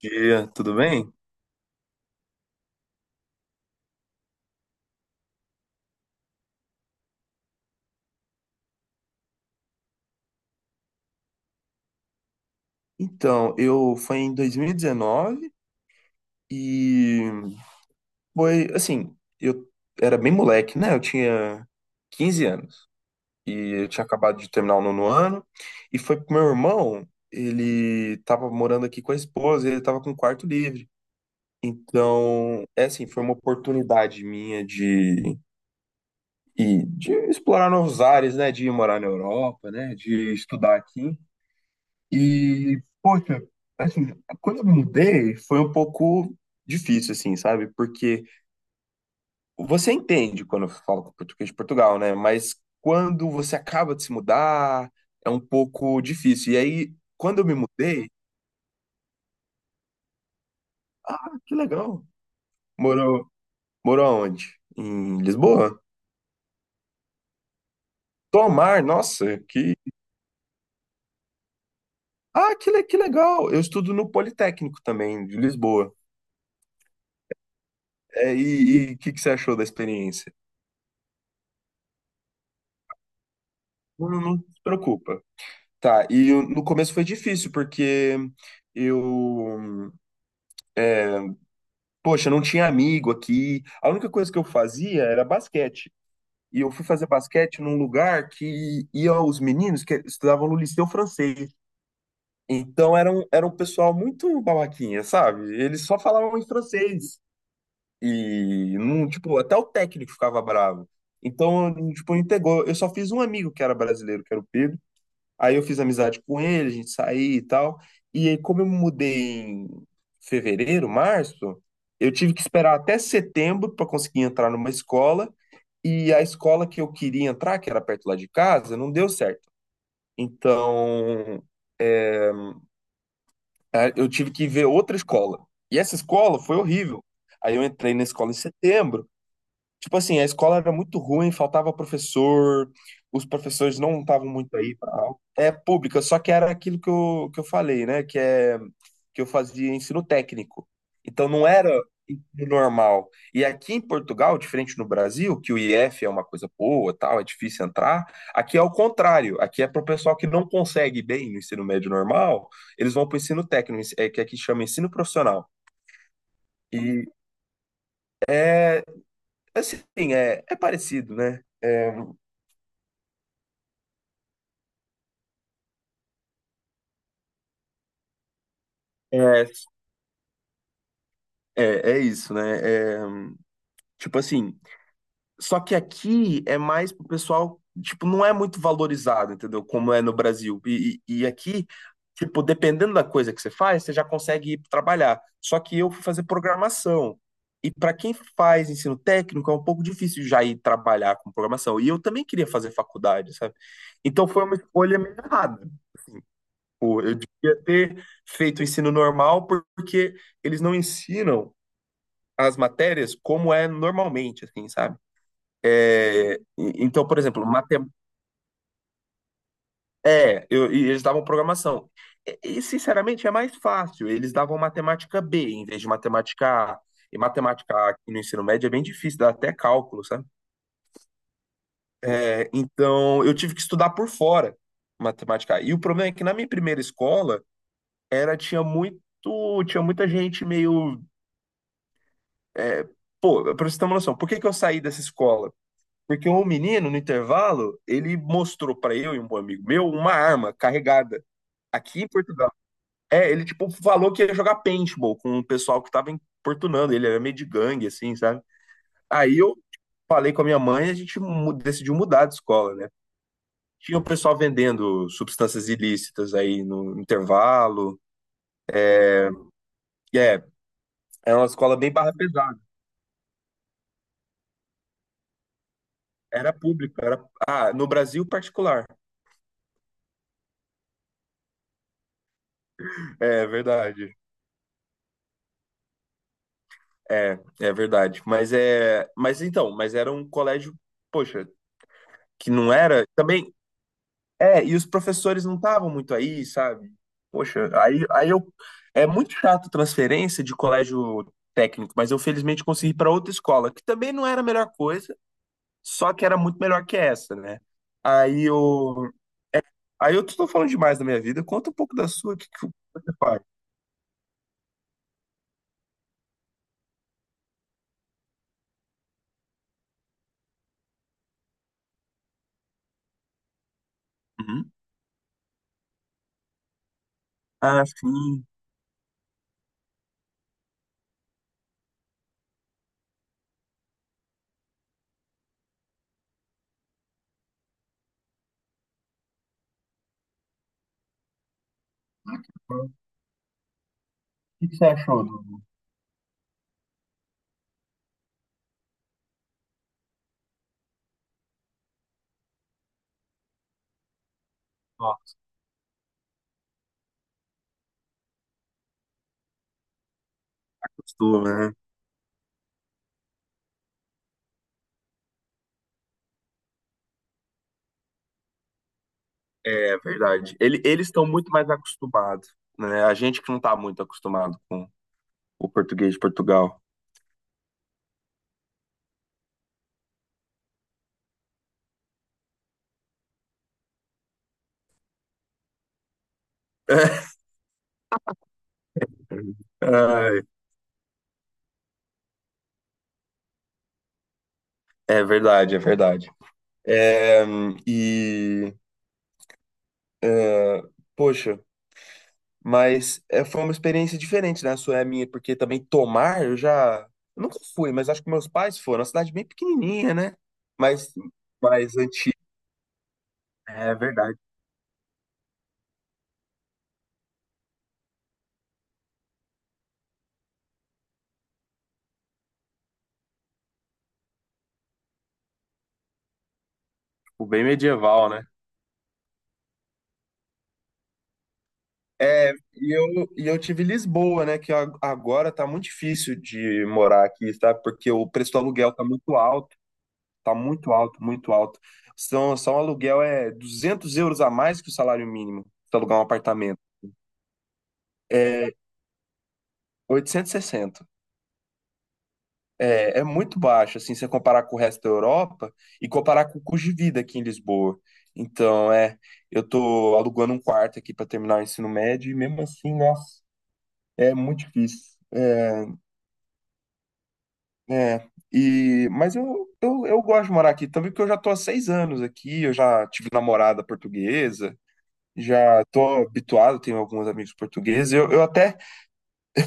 Dia, tudo bem? Então, eu foi em 2019 e foi assim, eu era bem moleque, né? Eu tinha 15 anos e eu tinha acabado de terminar o nono ano e foi pro meu irmão, ele tava morando aqui com a esposa, ele tava com o quarto livre. Então, é assim, foi uma oportunidade minha de explorar novos ares, né? De ir morar na Europa, né? De estudar aqui. E, poxa, assim, quando eu me mudei, foi um pouco difícil, assim, sabe? Porque você entende quando eu falo português de Portugal, né? Mas quando você acaba de se mudar, é um pouco difícil. E aí, quando eu me mudei, ah, que legal. Morou, morou onde? Em Lisboa? Tomar, nossa, que. Ah, que legal! Eu estudo no Politécnico também, de Lisboa. É, e o que, que você achou da experiência? Não, não se preocupa. Tá, no começo foi difícil, porque eu, poxa, não tinha amigo aqui. A única coisa que eu fazia era basquete. E eu fui fazer basquete num lugar que ia os meninos que estudavam no Liceu Francês. Então era um pessoal muito babaquinha, sabe? Eles só falavam em francês. E não, tipo, até o técnico ficava bravo. Então, tipo, não pegou. Eu só fiz um amigo que era brasileiro, que era o Pedro. Aí eu fiz amizade com ele, a gente saía e tal. E aí, como eu me mudei em fevereiro, março, eu tive que esperar até setembro para conseguir entrar numa escola. E a escola que eu queria entrar, que era perto lá de casa, não deu certo. Então, é, eu tive que ver outra escola. E essa escola foi horrível. Aí eu entrei na escola em setembro. Tipo assim, a escola era muito ruim, faltava professor, os professores não estavam muito aí pra aula. É pública, só que era aquilo que eu falei, né? Que é que eu fazia ensino técnico. Então não era ensino normal. E aqui em Portugal, diferente no Brasil, que o IF é uma coisa boa, tal, é difícil entrar, aqui é o contrário. Aqui é para o pessoal que não consegue bem no ensino médio normal, eles vão para o ensino técnico, é que aqui chama ensino profissional. E é assim, é parecido, né? É, é, é isso, né? É, tipo assim, só que aqui é mais pro pessoal, tipo, não é muito valorizado, entendeu? Como é no Brasil. E aqui, tipo, dependendo da coisa que você faz, você já consegue ir trabalhar. Só que eu fui fazer programação. E para quem faz ensino técnico, é um pouco difícil já ir trabalhar com programação. E eu também queria fazer faculdade, sabe? Então foi uma escolha meio errada. Pô, eu devia ter feito o ensino normal porque eles não ensinam as matérias como é normalmente, assim, sabe? É, então, por exemplo, e eles davam programação. E, sinceramente, é mais fácil. Eles davam matemática B em vez de matemática A. E matemática A aqui no ensino médio é bem difícil, dá até cálculo, sabe? É, então, eu tive que estudar por fora matemática A. E o problema é que na minha primeira escola era tinha muito, tinha muita gente meio, é, pô, pra você ter uma noção, por que que eu saí dessa escola? Porque um menino, no intervalo, ele mostrou pra eu e um bom amigo meu uma arma carregada aqui em Portugal. É, ele tipo falou que ia jogar paintball com o pessoal que tava importunando, ele era meio de gangue, assim, sabe? Aí eu falei com a minha mãe e a gente decidiu mudar de escola, né? Tinha o pessoal vendendo substâncias ilícitas aí no intervalo. E era uma escola bem barra pesada. Era pública, era. Ah, no Brasil particular. É verdade. É, é verdade. Mas era um colégio, poxa, que não era também. É, e os professores não estavam muito aí, sabe? Poxa, aí, aí eu é muito chato transferência de colégio técnico, mas eu felizmente consegui para outra escola, que também não era a melhor coisa, só que era muito melhor que essa, né? Aí eu, aí eu tô falando demais da minha vida. Conta um pouco da sua, o que que você faz? Uhum. Ah, sim. O que que você achou do? Nossa, gostou, né? É verdade. Eles estão muito mais acostumados, né? A gente que não está muito acostumado com o português de Portugal. Ai, é verdade, é verdade. É, e, é, poxa, mas foi uma experiência diferente, né? A sua é a minha, porque também tomar, eu já. Eu nunca fui, mas acho que meus pais foram. É uma cidade bem pequenininha, né? Mas mais antiga. É verdade, tipo, bem medieval, né? É, e eu tive Lisboa, né? Que agora tá muito difícil de morar aqui, sabe? Porque o preço do aluguel tá muito alto, muito alto. São, só um aluguel é 200 € a mais que o salário mínimo para alugar um apartamento. É 860. É, é muito baixo, assim, se você comparar com o resto da Europa e comparar com o custo de vida aqui em Lisboa. Então, é, eu tô alugando um quarto aqui para terminar o ensino médio e mesmo assim, nossa, é muito difícil. É, É, e, mas eu, eu gosto de morar aqui também, porque eu já tô há 6 anos aqui, eu já tive namorada portuguesa, já tô habituado, tenho alguns amigos portugueses, eu até,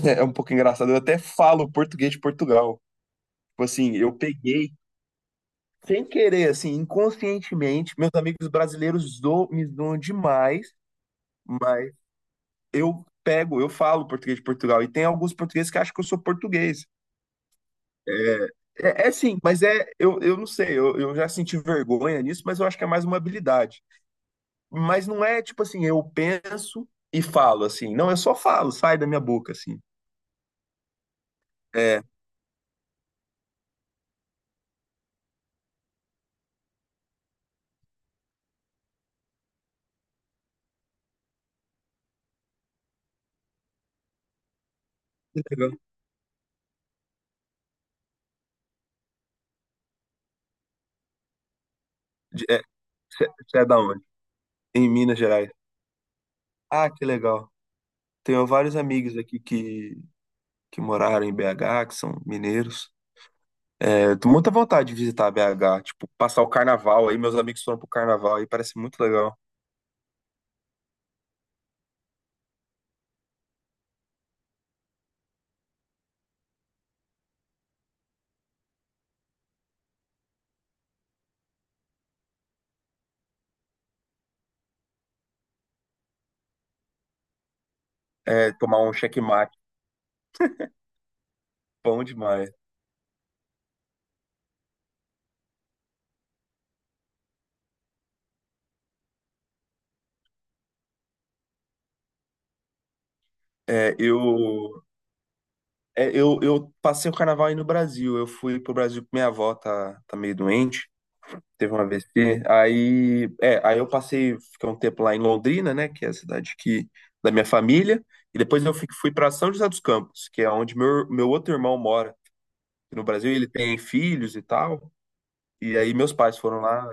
é um pouco engraçado, eu até falo português de Portugal. Tipo assim, eu peguei, sem querer, assim, inconscientemente, meus amigos brasileiros me zoam demais, mas eu pego, eu falo português de Portugal, e tem alguns portugueses que acham que eu sou português. É, é sim, mas é, eu não sei, eu já senti vergonha nisso, mas eu acho que é mais uma habilidade. Mas não é tipo assim, eu penso e falo assim. Não, eu só falo, sai da minha boca, assim. É, que legal. É, você é da onde? Em Minas Gerais. Ah, que legal. Tenho vários amigos aqui que moraram em BH, que são mineiros. É, eu tenho muita vontade de visitar BH, tipo, passar o carnaval aí. Meus amigos foram pro carnaval aí, parece muito legal. É, tomar um checkmate, bom demais. É, eu, eu passei o carnaval aí no Brasil. Eu fui pro Brasil porque minha avó tá meio doente, teve um AVC. Aí, é, aí eu passei, fiquei um tempo lá em Londrina, né, que é a cidade que, da minha família. E depois eu fui para São José dos Campos, que é onde meu outro irmão mora no Brasil. Ele tem filhos e tal. E aí meus pais foram lá.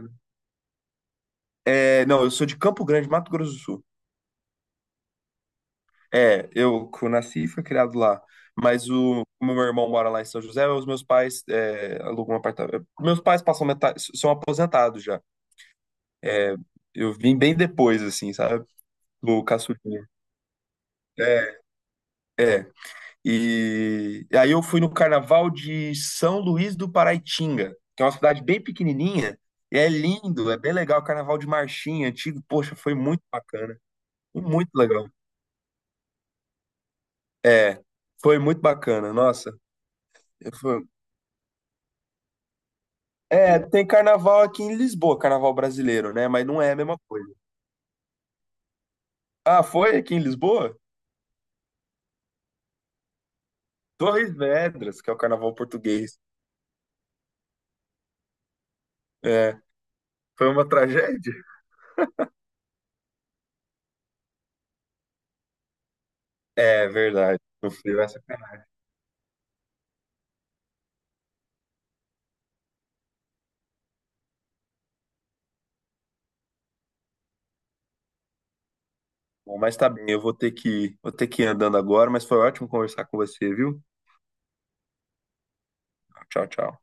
É, não, eu sou de Campo Grande, Mato Grosso do Sul. É, eu que nasci e fui criado lá. Mas o, como meu irmão mora lá em São José, os meus pais é, alugam um apartamento. Meus pais passam metade, são aposentados já. é, Eu vim bem depois, assim, sabe? Do caçulinha. É, é. E aí eu fui no carnaval de São Luís do Paraitinga, que é uma cidade bem pequenininha. E é lindo, é bem legal. Carnaval de Marchinha, antigo. Poxa, foi muito bacana. Foi muito legal. É, foi muito bacana. Nossa, é, tem carnaval aqui em Lisboa, carnaval brasileiro, né? Mas não é a mesma coisa. Ah, foi aqui em Lisboa? Torres Vedras, que é o carnaval português. É, foi uma tragédia? É verdade. Não frio essa carnaval. Mas tá bem, eu vou ter que ir andando agora, mas foi ótimo conversar com você, viu? Tchau, tchau.